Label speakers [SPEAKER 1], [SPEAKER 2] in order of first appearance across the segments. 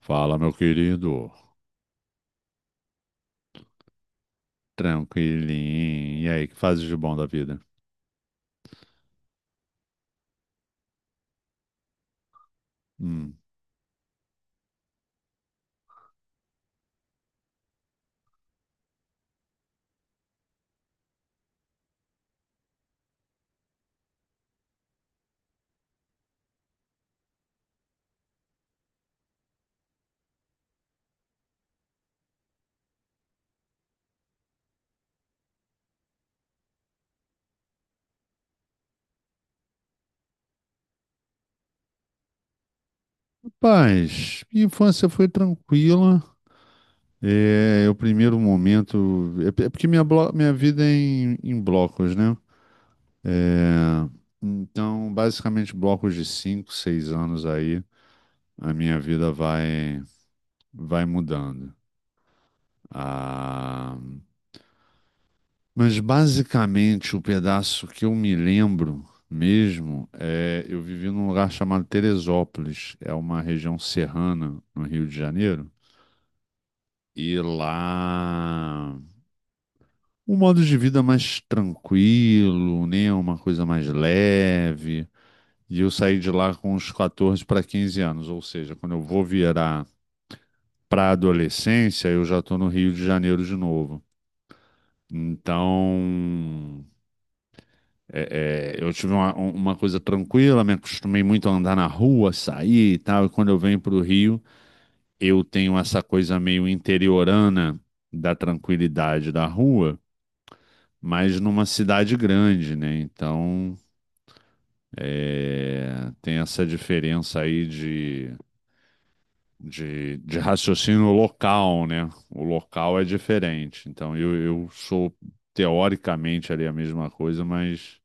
[SPEAKER 1] Fala, meu querido. Tranquilinho. E aí, que fazes de bom da vida? Hum. Rapaz, minha infância foi tranquila. É, é o primeiro momento. É porque minha vida é em blocos, né? É, então, basicamente, blocos de 5 6 anos aí, a minha vida vai, vai mudando. Ah, Mas basicamente o pedaço que eu me lembro mesmo é eu vivi num lugar chamado Teresópolis, é uma região serrana no Rio de Janeiro, e lá um modo de vida mais tranquilo, né, uma coisa mais leve. E eu saí de lá com uns 14 para 15 anos, ou seja, quando eu vou virar para a adolescência, eu já estou no Rio de Janeiro de novo. Então, eu tive uma coisa tranquila, me acostumei muito a andar na rua, sair e tal. E quando eu venho para o Rio, eu tenho essa coisa meio interiorana da tranquilidade da rua, mas numa cidade grande, né? Então, é, tem essa diferença aí de raciocínio local, né? O local é diferente. Então, eu sou teoricamente ali a mesma coisa, mas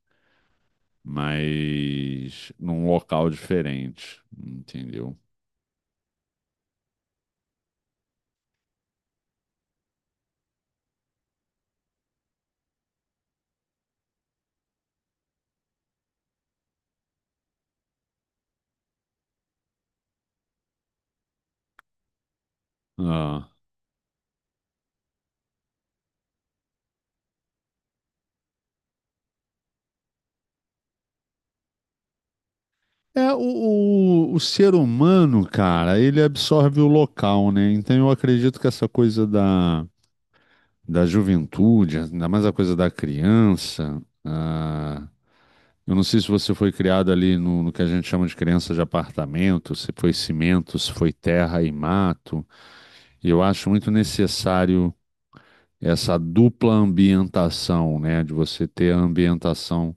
[SPEAKER 1] num local diferente, entendeu? Ah. É, o, o ser humano, cara, ele absorve o local, né? Então eu acredito que essa coisa da juventude, ainda mais a coisa da criança, eu não sei se você foi criado ali no que a gente chama de criança de apartamento, se foi cimento, se foi terra e mato. E eu acho muito necessário essa dupla ambientação, né, de você ter a ambientação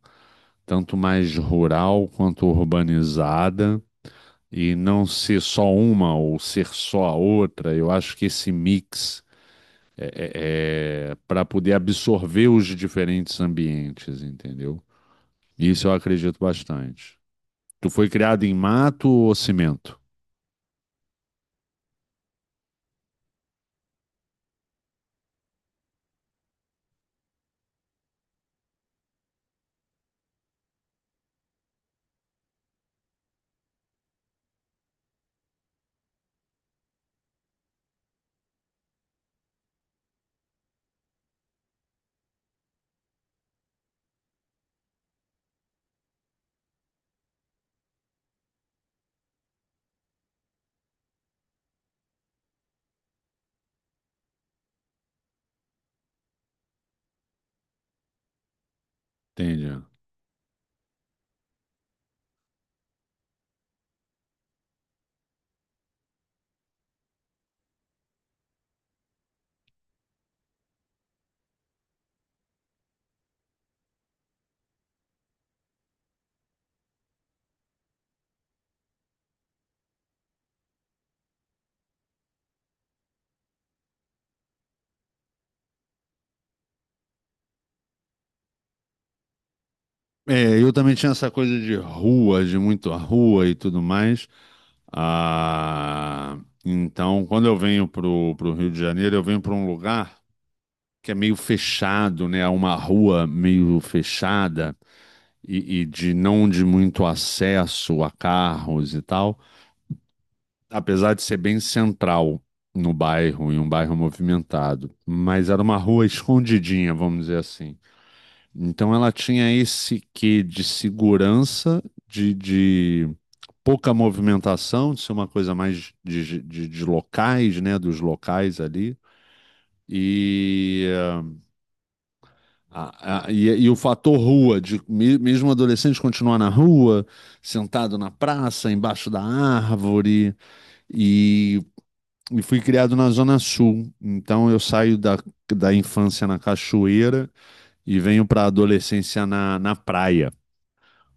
[SPEAKER 1] tanto mais rural quanto urbanizada e não ser só uma ou ser só a outra. Eu acho que esse mix é, é para poder absorver os diferentes ambientes, entendeu? Isso eu acredito bastante. Tu foi criado em mato ou cimento? Entende? É, eu também tinha essa coisa de rua, de muito a rua e tudo mais. Ah, então, quando eu venho para o Rio de Janeiro, eu venho para um lugar que é meio fechado, né? É uma rua meio fechada e de não de muito acesso a carros e tal, apesar de ser bem central no bairro, em um bairro movimentado. Mas era uma rua escondidinha, vamos dizer assim. Então, ela tinha esse quê de segurança, de pouca movimentação, de ser uma coisa mais de locais, né? Dos locais ali. E, e o fator rua, de mesmo adolescente continuar na rua, sentado na praça, embaixo da árvore, e, e fui criado na Zona Sul. Então eu saio da infância na cachoeira e venho para a adolescência na praia,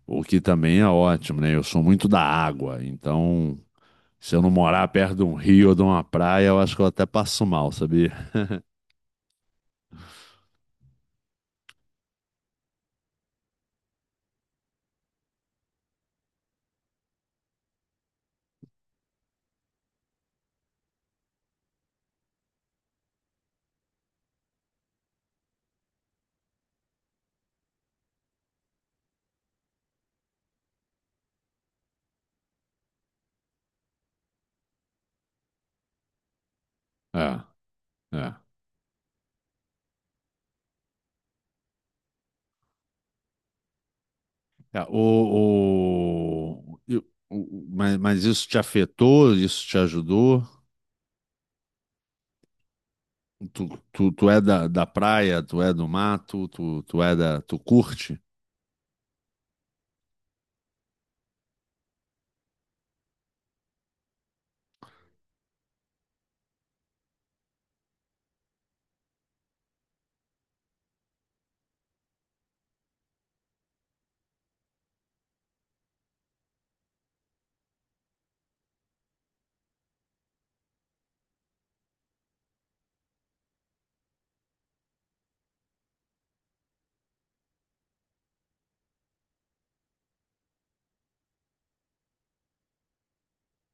[SPEAKER 1] o que também é ótimo, né? Eu sou muito da água, então se eu não morar perto de um rio ou de uma praia, eu acho que eu até passo mal, sabia? É, é. É, o, e- o- Mas isso te afetou? Isso te ajudou? Tu é da praia, tu é do mato, tu é da, tu curte?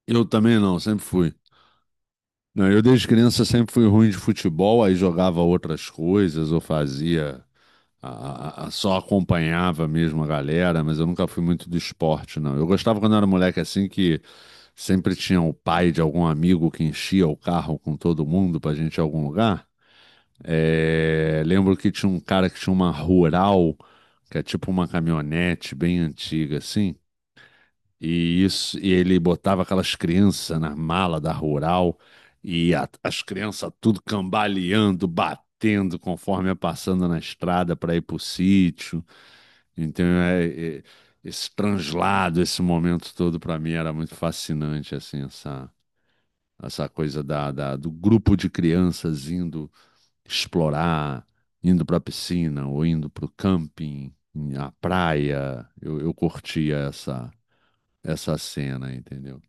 [SPEAKER 1] Eu também não, sempre fui. Não, eu desde criança sempre fui ruim de futebol, aí jogava outras coisas ou fazia só acompanhava mesmo a galera, mas eu nunca fui muito do esporte, não. Eu gostava quando eu era moleque assim que sempre tinha o pai de algum amigo que enchia o carro com todo mundo pra gente ir a algum lugar. É, lembro que tinha um cara que tinha uma rural, que é tipo uma caminhonete bem antiga assim, e ele botava aquelas crianças na mala da rural e as crianças tudo cambaleando, batendo conforme ia passando na estrada para ir pro sítio. Então, esse translado, esse momento todo, para mim era muito fascinante, assim, essa coisa do grupo de crianças indo explorar, indo para a piscina ou indo para o camping, à praia. Eu curtia essa cena, entendeu?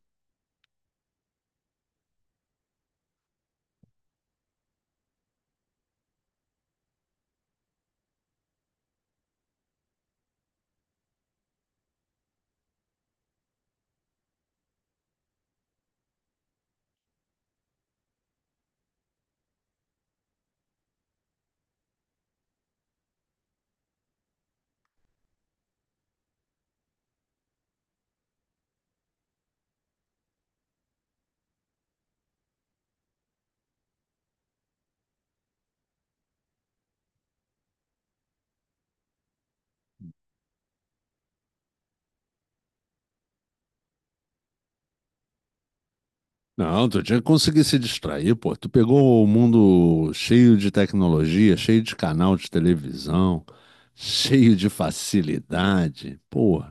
[SPEAKER 1] Não, tu tinha que conseguir se distrair, pô. Tu pegou o mundo cheio de tecnologia, cheio de canal de televisão, cheio de facilidade, pô.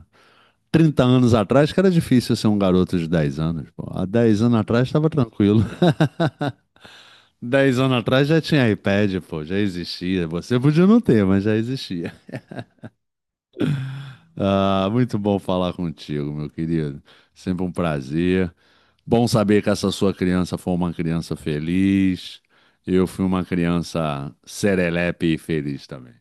[SPEAKER 1] 30 anos atrás que era difícil ser um garoto de 10 anos, pô. Há 10 anos atrás estava tranquilo. 10 anos atrás já tinha iPad, pô, já existia. Você podia não ter, mas já existia. Ah, muito bom falar contigo, meu querido. Sempre um prazer. Bom saber que essa sua criança foi uma criança feliz. Eu fui uma criança serelepe e feliz também.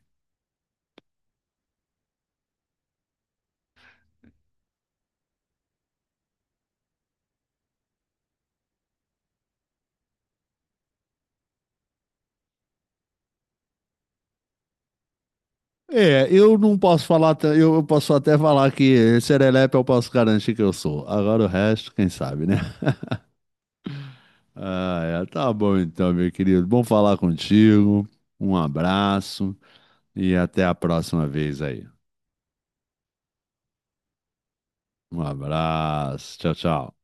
[SPEAKER 1] É, eu não posso falar, eu posso até falar que serelepe eu posso garantir que eu sou. Agora o resto, quem sabe, né? Ah, é, tá bom então, meu querido. Bom falar contigo. Um abraço e até a próxima vez aí. Um abraço. Tchau, tchau.